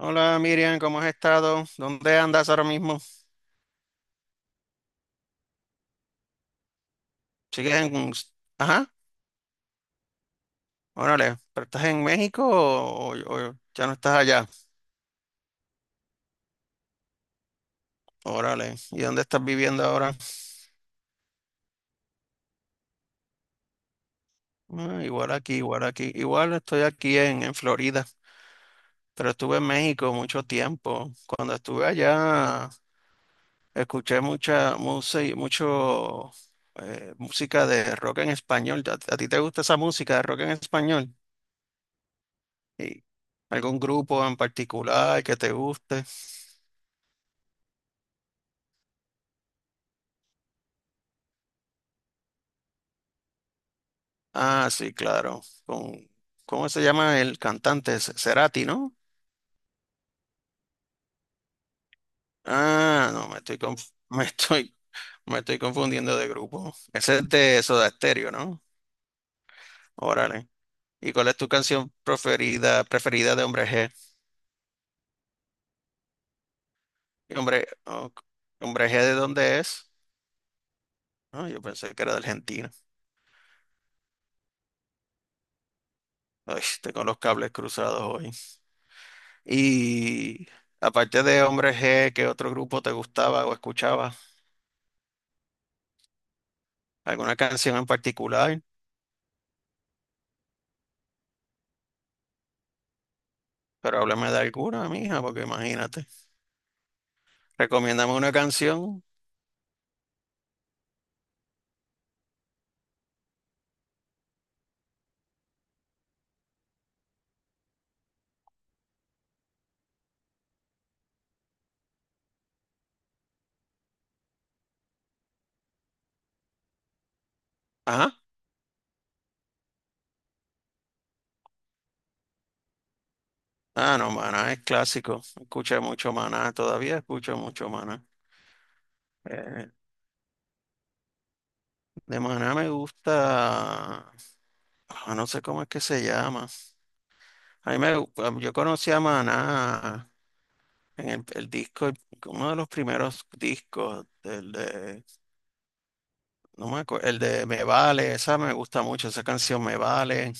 Hola Miriam, ¿cómo has estado? ¿Dónde andas ahora mismo? ¿Sigues en... Ajá, órale, ¿pero estás en México o ya no estás allá? Órale, ¿y dónde estás viviendo ahora? Ah, igual aquí, igual aquí, igual estoy aquí en Florida, pero estuve en México mucho tiempo. Cuando estuve allá, escuché mucha música, mucho música de rock en español. ¿A ti te gusta esa música de rock en español? ¿Y algún grupo en particular que te guste? Ah, sí, claro. Con, ¿cómo se llama el cantante? Cerati, ¿no? Ah, no, me estoy confundiendo de grupo. Ese es de Soda Stereo, ¿no? Órale. ¿Y cuál es tu canción preferida de Hombre G? Y Hombre, oh, ¿Hombre G de dónde es? Ah, yo pensé que era de Argentina. Ay, tengo los cables cruzados hoy. Y aparte de Hombre G, ¿qué otro grupo te gustaba o escuchabas? ¿Alguna canción en particular? Pero háblame de alguna, mija, porque imagínate. Recomiéndame una canción. Ajá. Ah, no, Maná es clásico. Escuché mucho Maná, todavía escucho mucho Maná. Eh, de Maná me gusta, ah, no sé cómo es que se llama. A mí me, gu- ah, yo conocí a Maná en el disco, uno de los primeros discos, el de, no me acuerdo, el de Me Vale, esa me gusta mucho, esa canción Me Vale,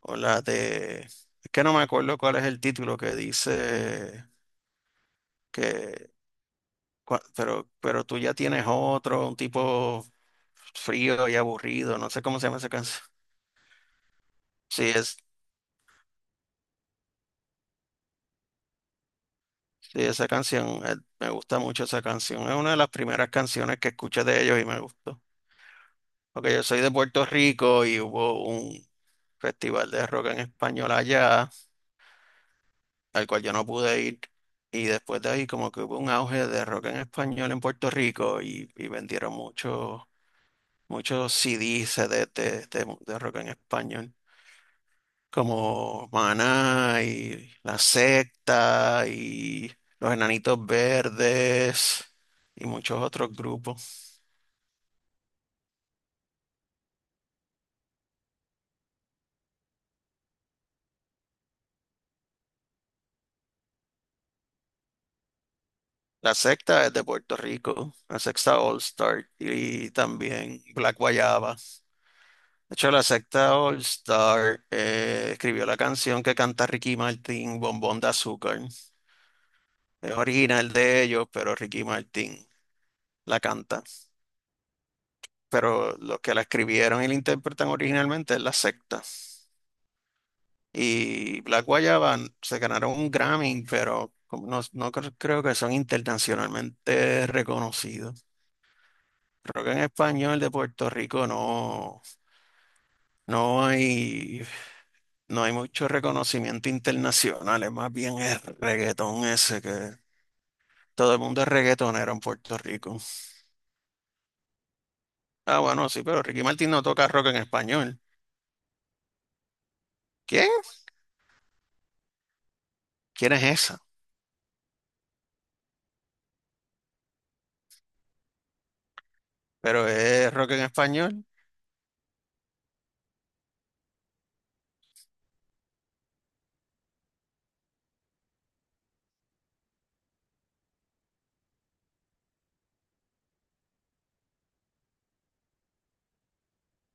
o la de... Es que no me acuerdo cuál es el título que dice. Que, pero tú ya tienes otro, un tipo frío y aburrido, no sé cómo se llama esa canción. Sí, es, sí, esa canción, me gusta mucho esa canción. Es una de las primeras canciones que escuché de ellos y me gustó. Porque yo soy de Puerto Rico y hubo un festival de rock en español allá, al cual yo no pude ir. Y después de ahí como que hubo un auge de rock en español en Puerto Rico y vendieron muchos CDs, CDs de rock en español. Como Maná y La Secta y Los Enanitos Verdes y muchos otros grupos. La Secta es de Puerto Rico, La Secta All Star y también Black Guayaba. De hecho, La Secta All Star escribió la canción que canta Ricky Martin, Bombón de Azúcar. Es original de ellos, pero Ricky Martin la canta. Pero los que la escribieron y la interpretan originalmente es La Secta. Y Black Guayaba se ganaron un Grammy, pero como no, creo que son internacionalmente reconocidos. Creo que en español de Puerto Rico no, no hay, no hay mucho reconocimiento internacional, es más bien el reggaetón ese que todo el mundo es reggaetonero en Puerto Rico. Ah, bueno, sí, pero Ricky Martin no toca rock en español. ¿Quién? ¿Quién es esa? Pero es rock en español.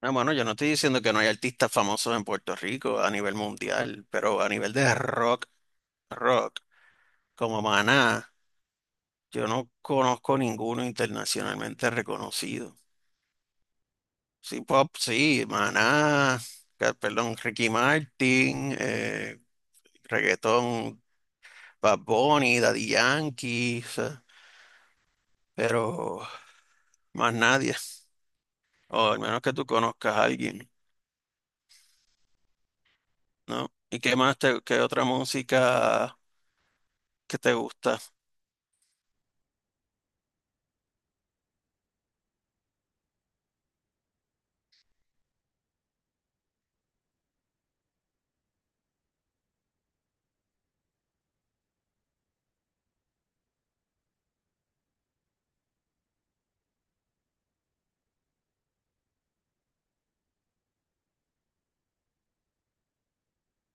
Ah, bueno, yo no estoy diciendo que no hay artistas famosos en Puerto Rico a nivel mundial, pero a nivel de rock, rock, como Maná, yo no conozco ninguno internacionalmente reconocido. Sí, pop, sí, Maná, perdón, Ricky Martin, reggaetón, Bad Bunny, Daddy Yankee, o sea, pero más nadie, o al menos que tú conozcas a alguien, ¿no? ¿Y qué más te, qué otra música que te gusta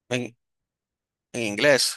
en, en inglés?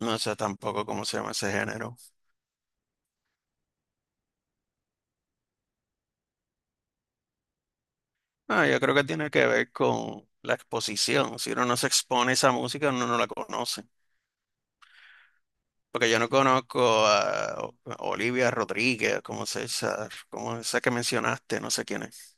No sé tampoco cómo se llama ese género. Ah, yo creo que tiene que ver con la exposición. Si uno no se expone a esa música, uno no la conoce. Porque yo no conozco a Olivia Rodríguez, como se esa, como esa que mencionaste, no sé quién es.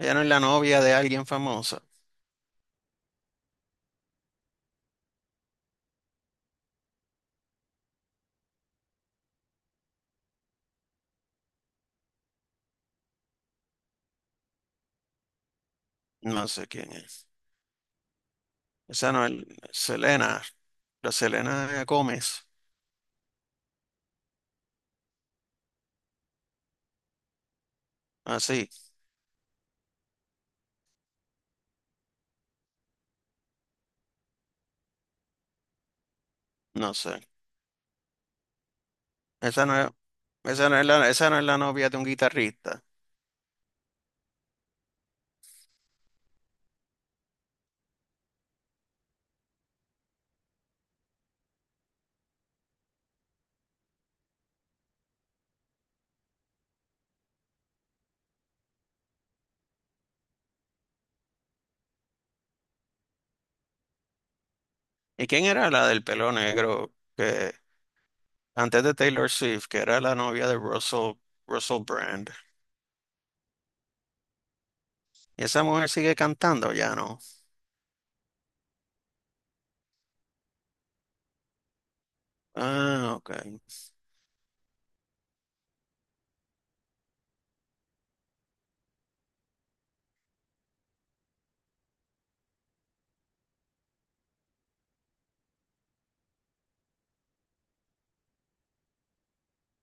Ella no es la novia de alguien famoso. No sé quién es. Esa no es Selena, la Selena Gómez. Así, no sé. Esa no es, esa no es la, esa no es la novia de un guitarrista. ¿Y quién era la del pelo negro? Que antes de Taylor Swift, que era la novia de Russell, Russell Brand. Y esa mujer sigue cantando, ya no. Ah, ok.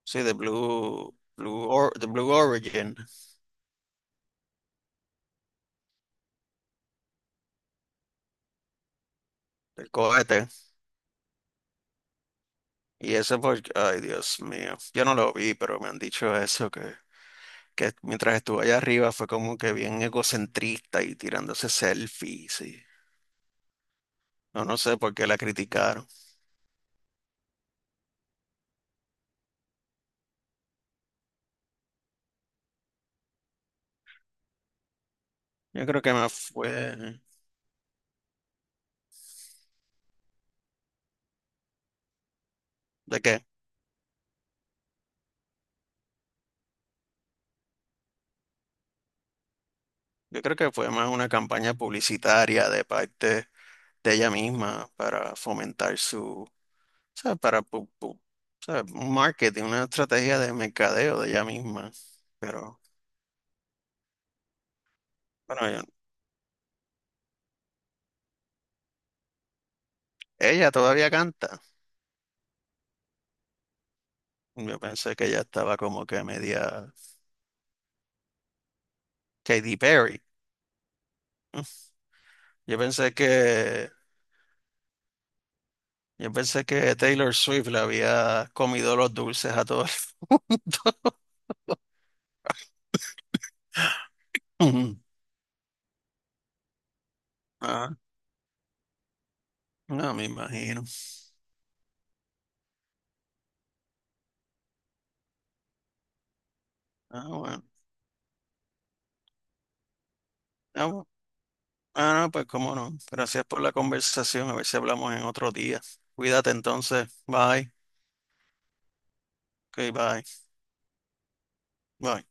Sí, de Blue, de Blue Origin, del cohete. Y ese porque, ay, Dios mío. Yo no lo vi, pero me han dicho eso, que mientras estuve allá arriba fue como que bien egocentrista y tirándose selfies. Y- no, no sé por qué la criticaron. Yo creo que más fue, ¿de qué? Yo creo que fue más una campaña publicitaria de parte de ella misma para fomentar su, ¿sabes? ¿Sabes? Un marketing, una estrategia de mercadeo de ella misma. Pero bueno, yo- ella todavía canta. Yo pensé que ella estaba como que media Katy Perry. Yo pensé que yo pensé que Taylor Swift le había comido los dulces a todo el mundo. Ah, no me imagino. Ah, bueno. Ah, Ah, no, pues cómo no. Gracias por la conversación. A ver si hablamos en otro día. Cuídate entonces. Bye. Ok, bye. Bye.